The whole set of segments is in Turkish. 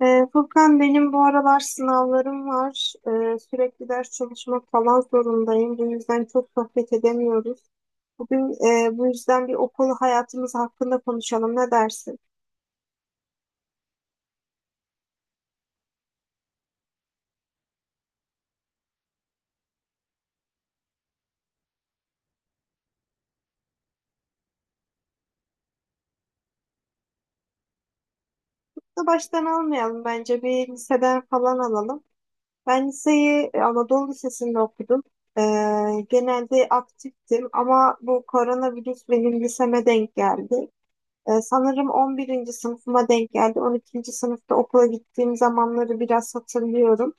Furkan, benim bu aralar sınavlarım var. Sürekli ders çalışmak falan zorundayım. Bu yüzden çok sohbet edemiyoruz. Bugün bu yüzden bir okul hayatımız hakkında konuşalım. Ne dersin? Da baştan almayalım bence. Bir liseden falan alalım. Ben liseyi Anadolu Lisesi'nde okudum. Ee, Genelde aktiftim ama bu koronavirüs benim liseme denk geldi. Sanırım 11. sınıfıma denk geldi. 12. sınıfta okula gittiğim zamanları biraz hatırlıyorum.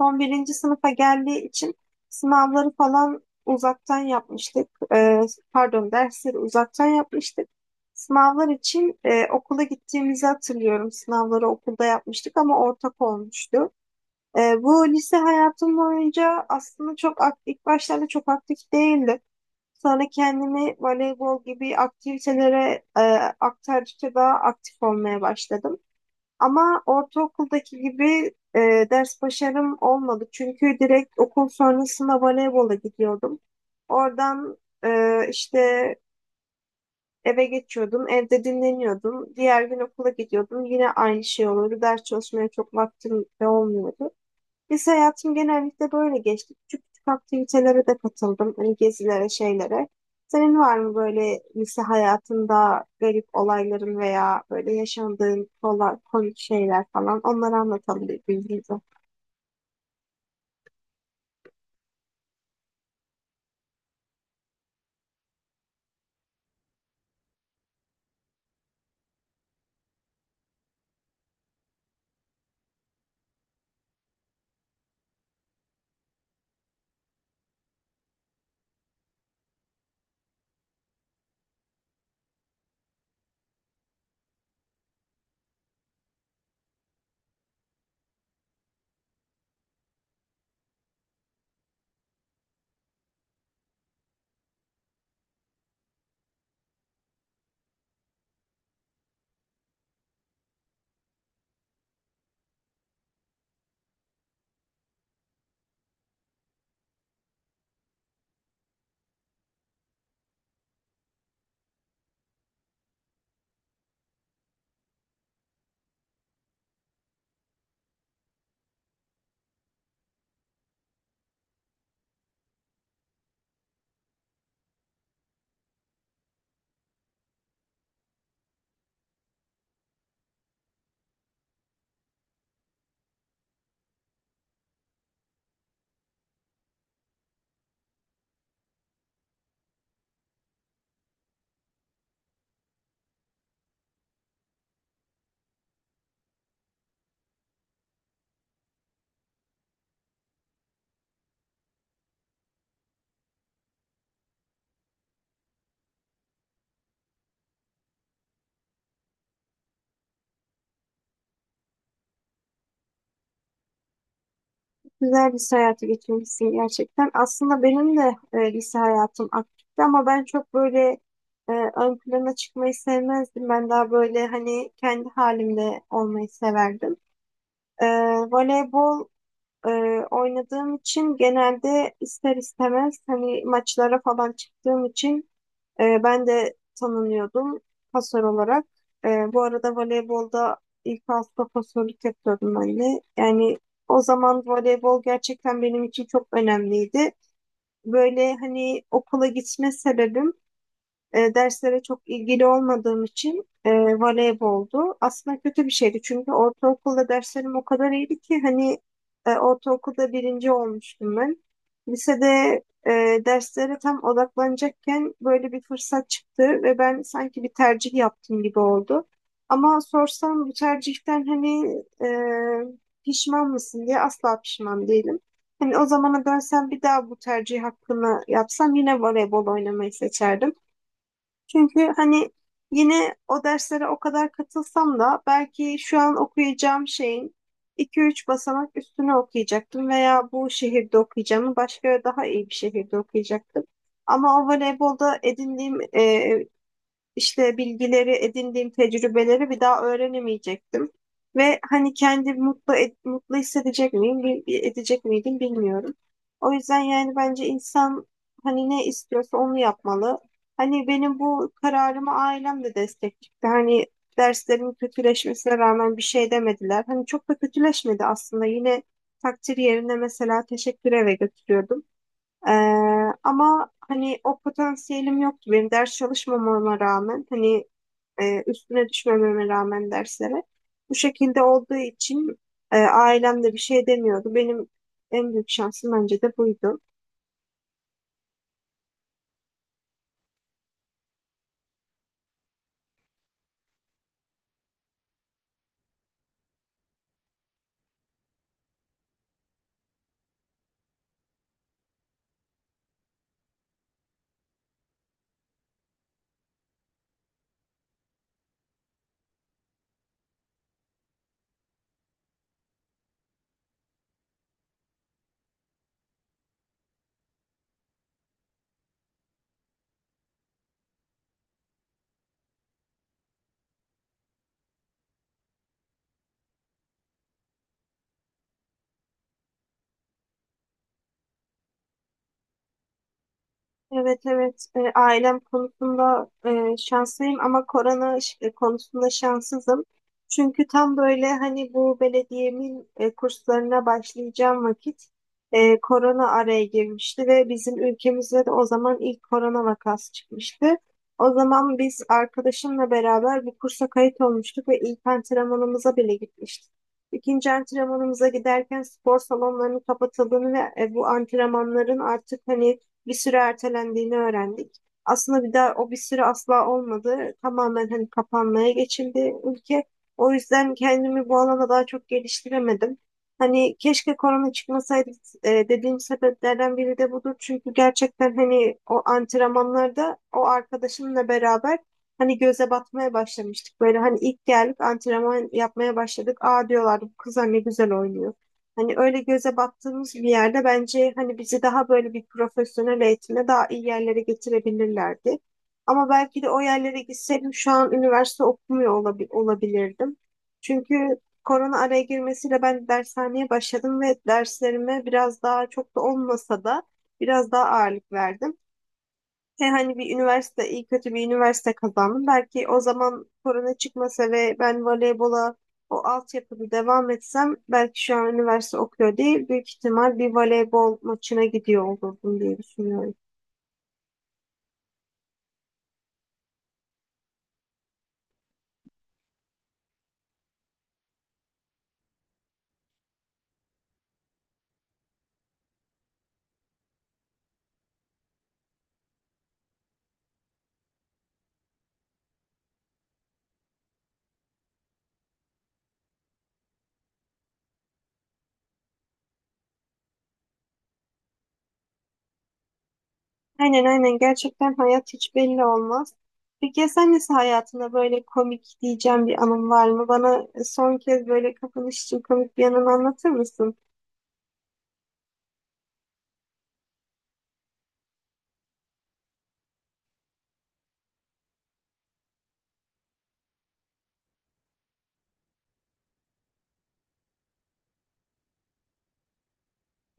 Son birinci sınıfa geldiği için sınavları falan uzaktan yapmıştık. Ee, Pardon, dersleri uzaktan yapmıştık. Sınavlar için okula gittiğimizi hatırlıyorum. Sınavları okulda yapmıştık ama ortak olmuştu. Bu lise hayatım boyunca aslında çok ilk başlarda çok aktif değildi. Sonra kendimi voleybol gibi aktivitelere aktardıkça daha aktif olmaya başladım. Ama ortaokuldaki gibi ders başarım olmadı. Çünkü direkt okul sonrasında voleybola gidiyordum. Oradan işte eve geçiyordum, evde dinleniyordum. Diğer gün okula gidiyordum. Yine aynı şey oluyordu. Ders çalışmaya çok vaktim de olmuyordu. Biz hayatım genellikle böyle geçti. Küçük küçük aktivitelere de katıldım. Hani gezilere, şeylere. Senin var mı böyle lise hayatında garip olayların veya böyle yaşandığın kolay, komik şeyler falan? Onları anlatalım birbirimize. Güzel lise hayatı geçirmişsin gerçekten. Aslında benim de lise hayatım aktifti ama ben çok böyle ön plana çıkmayı sevmezdim. Ben daha böyle hani kendi halimde olmayı severdim. E, Voleybol e, oynadığım için genelde ister istemez hani maçlara falan çıktığım için ben de tanınıyordum, pasör olarak. Bu arada voleybolda ilk hafta pasörlük yapıyordum ben de. Yani o zaman voleybol gerçekten benim için çok önemliydi. Böyle hani okula gitme sebebim, derslere çok ilgili olmadığım için, voleyboldu. Aslında kötü bir şeydi çünkü ortaokulda derslerim o kadar iyiydi ki hani ortaokulda birinci olmuştum ben. Lisede e, derslere tam odaklanacakken böyle bir fırsat çıktı ve ben sanki bir tercih yaptım gibi oldu. Ama sorsam bu tercihten hani e, pişman mısın diye, asla pişman değilim. Hani o zamana dönsem bir daha bu tercih hakkını yapsam yine voleybol oynamayı seçerdim. Çünkü hani yine o derslere o kadar katılsam da belki şu an okuyacağım şeyin iki üç basamak üstüne okuyacaktım veya bu şehirde okuyacağımı başka daha iyi bir şehirde okuyacaktım. Ama o voleybolda edindiğim işte bilgileri, edindiğim tecrübeleri bir daha öğrenemeyecektim. Ve hani kendimi mutlu hissedecek miyim, edecek miydim bilmiyorum. O yüzden yani bence insan hani ne istiyorsa onu yapmalı. Hani benim bu kararımı ailem de destek çıktı. Hani derslerimin kötüleşmesine rağmen bir şey demediler. Hani çok da kötüleşmedi aslında. Yine takdir yerine mesela teşekkür eve götürüyordum. Ee, Ama hani o potansiyelim yoktu benim ders çalışmamama rağmen, hani üstüne düşmememe rağmen derslere, bu şekilde olduğu için ailem de bir şey demiyordu. Benim en büyük şansım bence de buydu. Evet, evet. Ailem konusunda şanslıyım ama korona konusunda şanssızım. Çünkü tam böyle hani bu belediyemin kurslarına başlayacağım vakit korona araya girmişti ve bizim ülkemizde de o zaman ilk korona vakası çıkmıştı. O zaman biz arkadaşımla beraber bir kursa kayıt olmuştuk ve ilk antrenmanımıza bile gitmiştik. İkinci antrenmanımıza giderken spor salonlarının kapatıldığını ve bu antrenmanların artık hani bir süre ertelendiğini öğrendik. Aslında bir daha o bir süre asla olmadı. Tamamen hani kapanmaya geçildi ülke. O yüzden kendimi bu alana daha çok geliştiremedim. Hani keşke korona çıkmasaydı dediğim sebeplerden biri de budur. Çünkü gerçekten hani o antrenmanlarda o arkadaşımla beraber hani göze batmaya başlamıştık. Böyle hani ilk geldik, antrenman yapmaya başladık. Aa, diyorlardı, bu kızlar ne güzel oynuyor. Hani öyle göze battığımız bir yerde bence hani bizi daha böyle bir profesyonel eğitimle daha iyi yerlere getirebilirlerdi. Ama belki de o yerlere gitseydim şu an üniversite olabilirdim. Çünkü korona araya girmesiyle ben dershaneye başladım ve derslerime biraz daha, çok da olmasa da, biraz daha ağırlık verdim. He, hani bir üniversite, iyi kötü bir üniversite kazandım. Belki o zaman korona çıkmasa ve ben voleybola o altyapıda devam etsem belki şu an üniversite okuyor değil, büyük ihtimal bir voleybol maçına gidiyor olurdum diye düşünüyorum. Aynen, aynen, gerçekten hayat hiç belli olmaz. Peki ya sen nasıl, hayatında böyle komik diyeceğim bir anın var mı? Bana son kez böyle kapanış için komik bir anını anlatır mısın?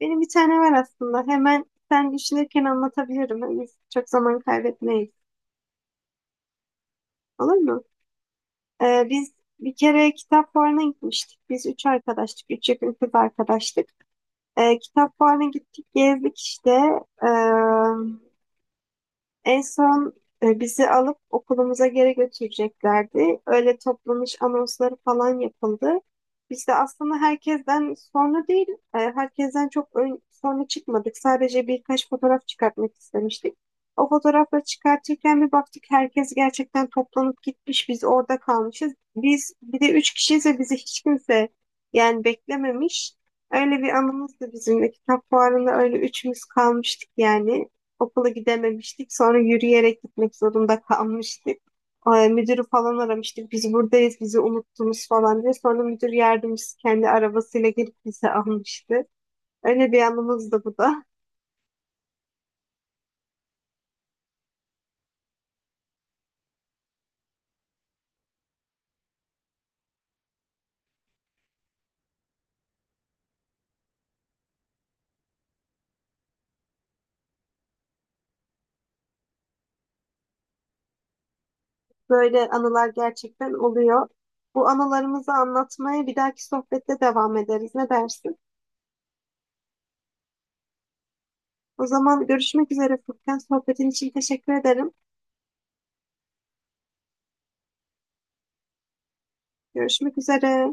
Benim bir tane var aslında. Hemen sen düşünürken anlatabilirim. Hani biz çok zaman kaybetmeyiz. Olur mu? Biz bir kere kitap fuarına gitmiştik. Biz üç arkadaştık. Üç yakın kız arkadaştık. Kitap fuarına gittik, gezdik işte. Ee, En son bizi alıp okulumuza geri götüreceklerdi. Öyle toplanış anonsları falan yapıldı. Biz de aslında herkesten sonra değil, herkesten çok ön, sonra çıkmadık. Sadece birkaç fotoğraf çıkartmak istemiştik. O fotoğrafları çıkartırken bir baktık, herkes gerçekten toplanıp gitmiş. Biz orada kalmışız. Biz bir de üç kişiyiz ve bizi hiç kimse, yani, beklememiş. Öyle bir anımızdı bizim de, kitap fuarında öyle üçümüz kalmıştık yani. Okula gidememiştik. Sonra yürüyerek gitmek zorunda kalmıştık. Müdürü falan aramıştık. Biz buradayız, bizi unuttunuz falan diye. Sonra müdür yardımcısı kendi arabasıyla gelip bizi almıştı. Öyle bir anımız da bu da. Böyle anılar gerçekten oluyor. Bu anılarımızı anlatmaya bir dahaki sohbette devam ederiz. Ne dersin? O zaman görüşmek üzere Furkan. Sohbetin için teşekkür ederim. Görüşmek üzere.